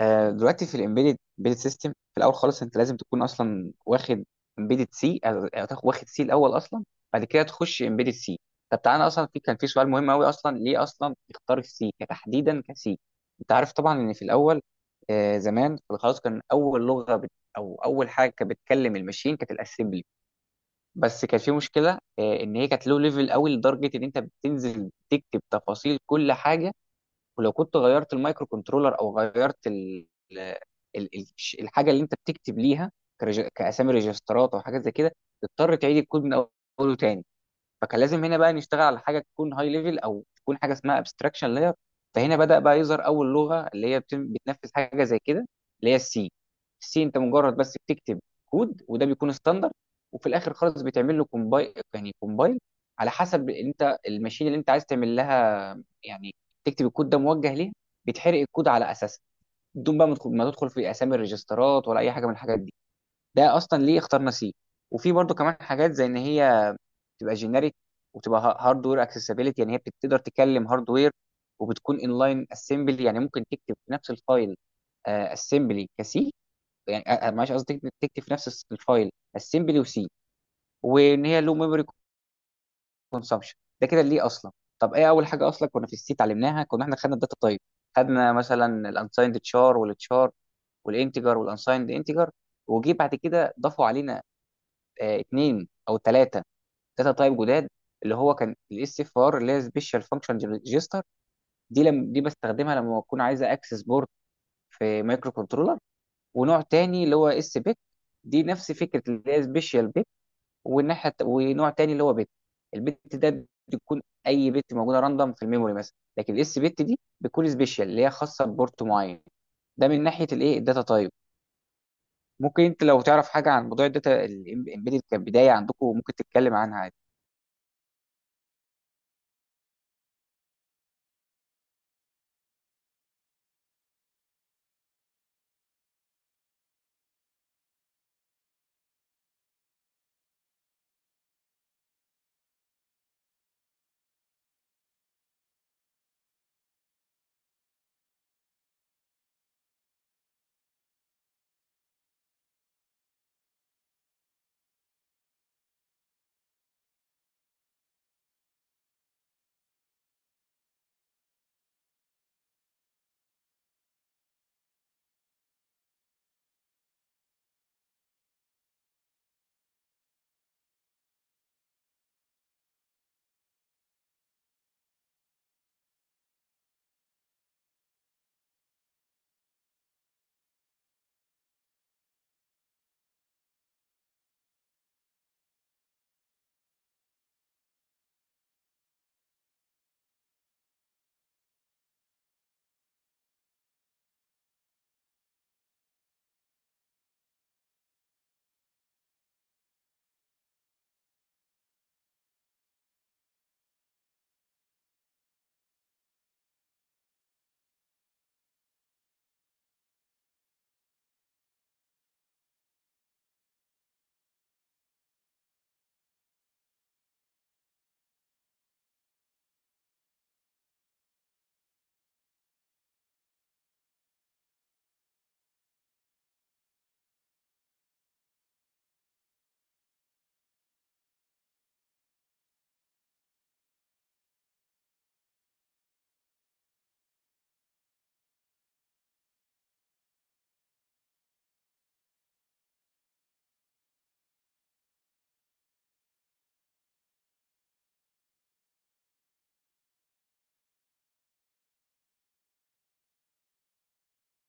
دلوقتي في الامبيدد سيستم، في الاول خالص انت لازم تكون اصلا واخد امبيدد سي، واخد سي الاول اصلا، بعد كده تخش امبيدد سي. طب تعالى اصلا، كان في سؤال مهم قوي اصلا، ليه اصلا اختار السي تحديدا كسي؟ انت عارف طبعا ان في الاول زمان خلاص كان اول لغه بت او اول حاجه كانت بتكلم الماشين كانت الاسمبلي. بس كان في مشكله ان هي كانت لو ليفل قوي لدرجه ان انت بتنزل تكتب تفاصيل كل حاجه. ولو كنت غيرت المايكرو كنترولر او غيرت ال... ال... الحاجه اللي انت بتكتب ليها، كاسامي ريجسترات او حاجات زي كده، تضطر تعيد الكود من اوله تاني. فكان لازم هنا بقى نشتغل على حاجه تكون هاي ليفل، او تكون حاجه اسمها ابستراكشن لاير. فهنا بدا بقى يظهر اول لغه اللي هي بتنفذ حاجه زي كده، اللي هي السي. السي انت مجرد بس بتكتب كود، وده بيكون ستاندر، وفي الاخر خالص بتعمل له كومبايل، يعني كومبايل على حسب انت الماشين اللي انت عايز تعمل لها، يعني تكتب الكود ده موجه ليه، بتحرق الكود على اساسه، بدون بقى ما تدخل في اسامي الريجسترات ولا اي حاجه من الحاجات دي. ده اصلا ليه اخترنا سي. وفي برضو كمان حاجات زي ان هي تبقى جينيريك، وتبقى هاردوير اكسسبيليتي، يعني هي بتقدر تكلم هاردوير، وبتكون انلاين اسمبلي، يعني ممكن تكتب في نفس الفايل اسمبلي كسي. يعني معلش قصدي تكتب في نفس الفايل اسمبلي وسي. وان هي لو ميموري كونسامشن، ده كده ليه اصلا. طب ايه اول حاجه اصلا كنا في السي اتعلمناها؟ كنا احنا خدنا الداتا تايب، خدنا مثلا الانسايند تشار والتشار والانتجر والانسايند انتجر. وجي بعد كده ضافوا علينا اتنين او ثلاثه داتا تايب جداد، اللي هو كان الاس اف ار اللي هي سبيشال فانكشن ريجستر. دي لم دي بستخدمها لما بكون عايز اكسس بورد في مايكرو كنترولر. ونوع تاني اللي هو اس بيت، دي نفس فكره اللي هي سبيشال بيت. ونوع تاني اللي هو بيت. البت ده بتكون اي بت موجوده راندوم في الميموري مثلا، لكن الاس بت دي بتكون سبيشال اللي هي خاصه ببورت معين. ده من ناحيه الايه الداتا تايب. ممكن انت لو تعرف حاجه عن موضوع الداتا الامبيدد كبدايه عندكم ممكن تتكلم عنها.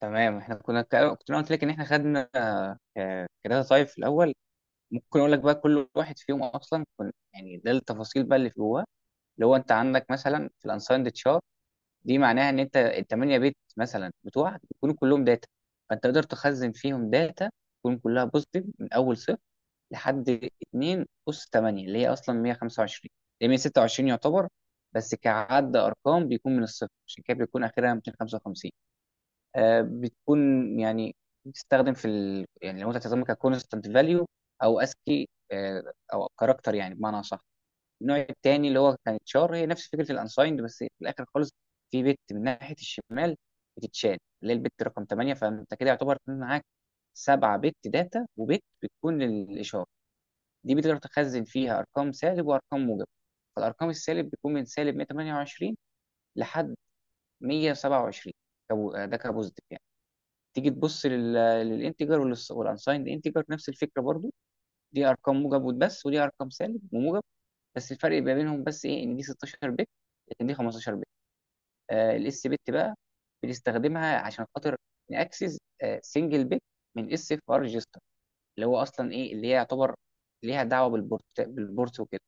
تمام، احنا كنت انا قلت لك ان احنا خدنا كده. طيب في الاول ممكن اقول لك بقى كل واحد فيهم اصلا كن، يعني ده التفاصيل بقى اللي في جواه. اللي هو انت عندك مثلا في الانسايند تشار، دي معناها ان انت الثمانيه بيت مثلا بتوعك بيكونوا كلهم داتا، فانت تقدر تخزن فيهم داتا تكون كلها بوزيتيف من اول صفر لحد 2 اس 8، اللي هي اصلا 125، اللي هي 126 يعتبر. بس كعد ارقام بيكون من الصفر، عشان كده بيكون اخرها 255. بتكون يعني بتستخدم يعني لو انت هتستخدمها ككونستنت فاليو، او اسكي، او كاركتر يعني بمعنى صح. النوع الثاني اللي هو كانت شار، هي نفس فكره الانسايند، بس في الاخر خالص في بت من ناحيه الشمال بتتشال، اللي هي البت رقم 8، فانت كده يعتبر معاك سبعة بت داتا وبت بتكون للاشاره. دي بتقدر تخزن فيها ارقام سالب وارقام موجب. فالارقام السالب بيكون من سالب 128 لحد 127. ده كبوزيتيف يعني. تيجي تبص للانتجر والانسايند انتجر، نفس الفكره برضو. دي ارقام موجب بس، ودي ارقام سالب وموجب، بس الفرق ما بينهم بس ايه ان دي 16 بت لكن دي 15 بت. الاس بت بقى بنستخدمها عشان خاطر ناكسس سنجل بت من اس اف ار ريجستر، اللي هو اصلا ايه اللي هي يعتبر ليها دعوه بالبورت وكده.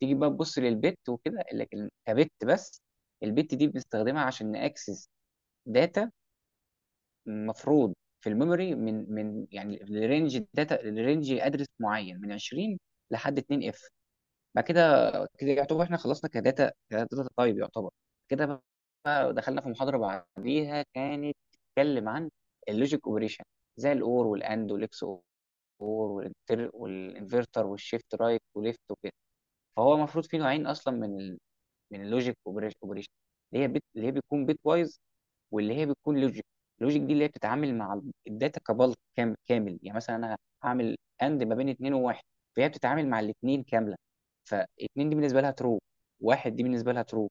تيجي بقى تبص للبت وكده لكن كبت بس. البت دي بنستخدمها عشان ناكسس داتا المفروض في الميموري، من يعني لرينج داتا لرينج ادرس معين من 20 لحد 2 اف. بعد كده كده يعتبر احنا خلصنا كداتا تايب يعتبر. كده بقى دخلنا في محاضره بعديها كانت بتتكلم عن اللوجيك اوبريشن، زي الاور والاند والاكس اور والانتر والانفرتر والشيفت رايت وليفت وكده. فهو المفروض في نوعين اصلا من اللوجيك اوبريشن، اللي هي بيكون بيت وايز، واللي هي بتكون لوجيك. اللوجيك دي اللي هي بتتعامل مع الداتا كبلك كامل، يعني مثلا انا هعمل اند ما بين اتنين وواحد، فهي بتتعامل مع الاتنين كامله. فاتنين دي بالنسبه لها ترو، واحد دي بالنسبه لها ترو.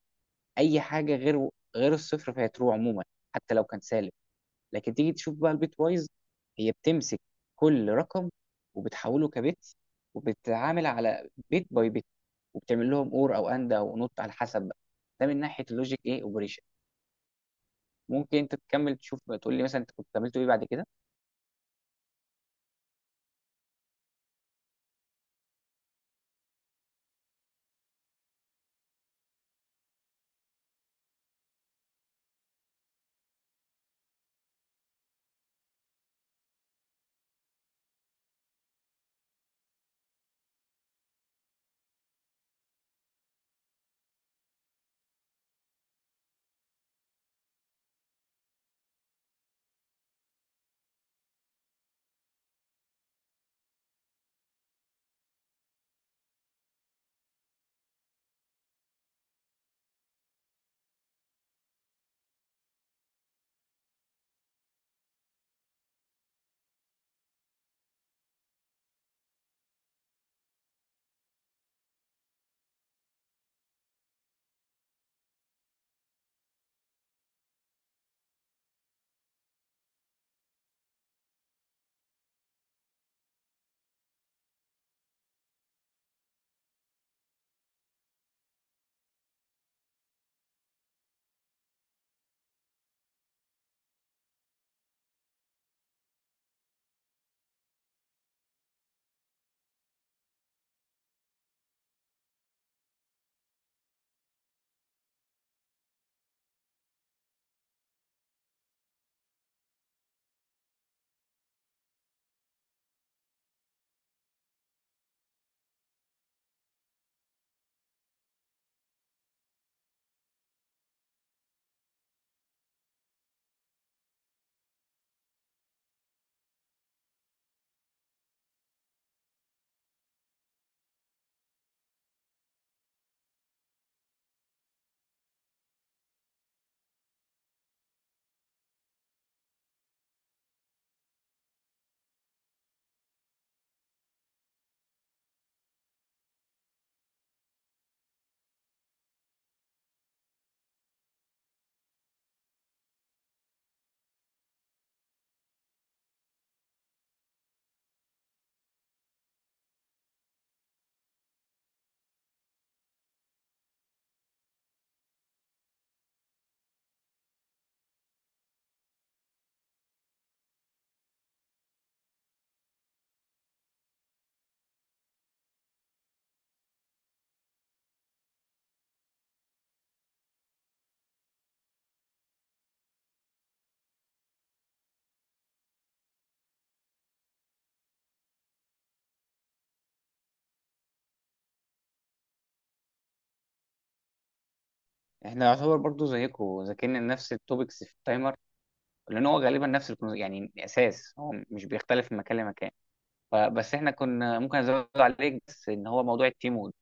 اي حاجه غير الصفر فهي ترو عموما، حتى لو كان سالب. لكن تيجي تشوف بقى البيت وايز، هي بتمسك كل رقم وبتحوله كبت، وبتتعامل على بيت باي بيت، وبتعمل لهم اور او اند او نوت على حسب بقى. ده من ناحيه اللوجيك ايه اوبريشن. ممكن انت تكمل تشوف تقول لي مثلا انت كنت عملته ايه بعد كده. احنا يعتبر برضو زيكم ذاكرنا نفس التوبكس في التايمر، لان هو غالبا نفس يعني اساس هو مش بيختلف من مكان لمكان. فبس احنا كنا ممكن ازود عليك بس ان هو موضوع التيم مود.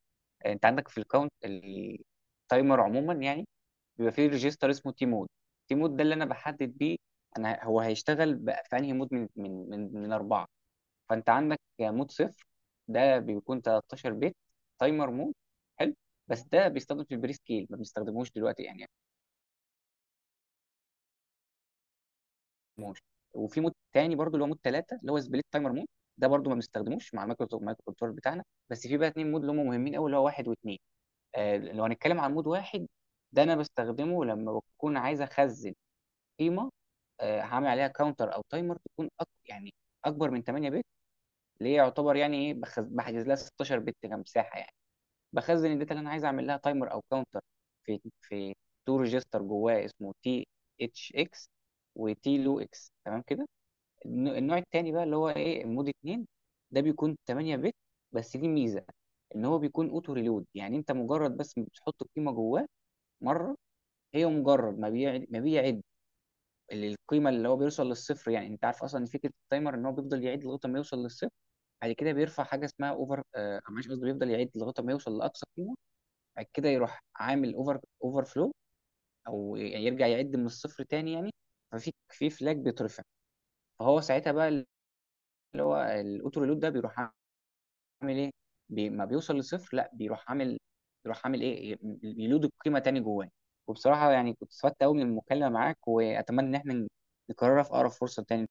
انت عندك في الكاونت التايمر عموما يعني بيبقى فيه ريجستر اسمه تيم مود. تيم مود ده اللي انا بحدد بيه انا هو هيشتغل بقى في انهي مود من اربعه. فانت عندك مود صفر، ده بيكون 13 بت تايمر مود، حلو. بس ده بيستخدم في البري سكيل، ما بنستخدموش دلوقتي يعني ما بنستخدموش. وفي مود تاني برضو اللي هو مود 3 اللي هو سبليت تايمر مود، ده برضو ما بنستخدموش مع المايكرو كنترول بتاعنا. بس في بقى اتنين مود اللي هم مهمين قوي، اللي هو واحد واثنين. لو هنتكلم عن مود واحد، ده انا بستخدمه لما بكون عايز اخزن قيمه، هعمل عليها كاونتر او تايمر، تكون يعني اكبر من 8 بت، اللي هي يعتبر يعني ايه بحجز لها 16 بت كمساحه، يعني بخزن الداتا اللي انا عايز اعمل لها تايمر او كاونتر في تو ريجستر جواه اسمه تي اتش اكس، وتي لو اكس تمام كده. النوع التاني بقى اللي هو ايه مود 2، ده بيكون 8 بت، بس دي ميزه ان هو بيكون اوتو ريلود، يعني انت مجرد بس بتحط القيمه جواه مره. هي مجرد ما بيعد القيمه اللي هو بيوصل للصفر، يعني انت عارف اصلا ان فكره التايمر ان هو بيفضل يعيد لغايه ما يوصل للصفر. بعد كده بيرفع حاجه اسمها اوفر آه معلش قصدي بيفضل يعيد لغايه ما يوصل لاقصى قيمه، بعد كده يروح عامل اوفر فلو، او يرجع يعد من الصفر تاني يعني. في فلاج بيترفع، فهو ساعتها بقى الاوتو ريلود ده بيروح عامل ايه، بي ما بيوصل لصفر لا بيروح عامل ايه يلود القيمه تاني جواه. وبصراحه يعني كنت استفدت قوي من المكالمه معاك، واتمنى ان احنا نكررها في اقرب فرصه تاني.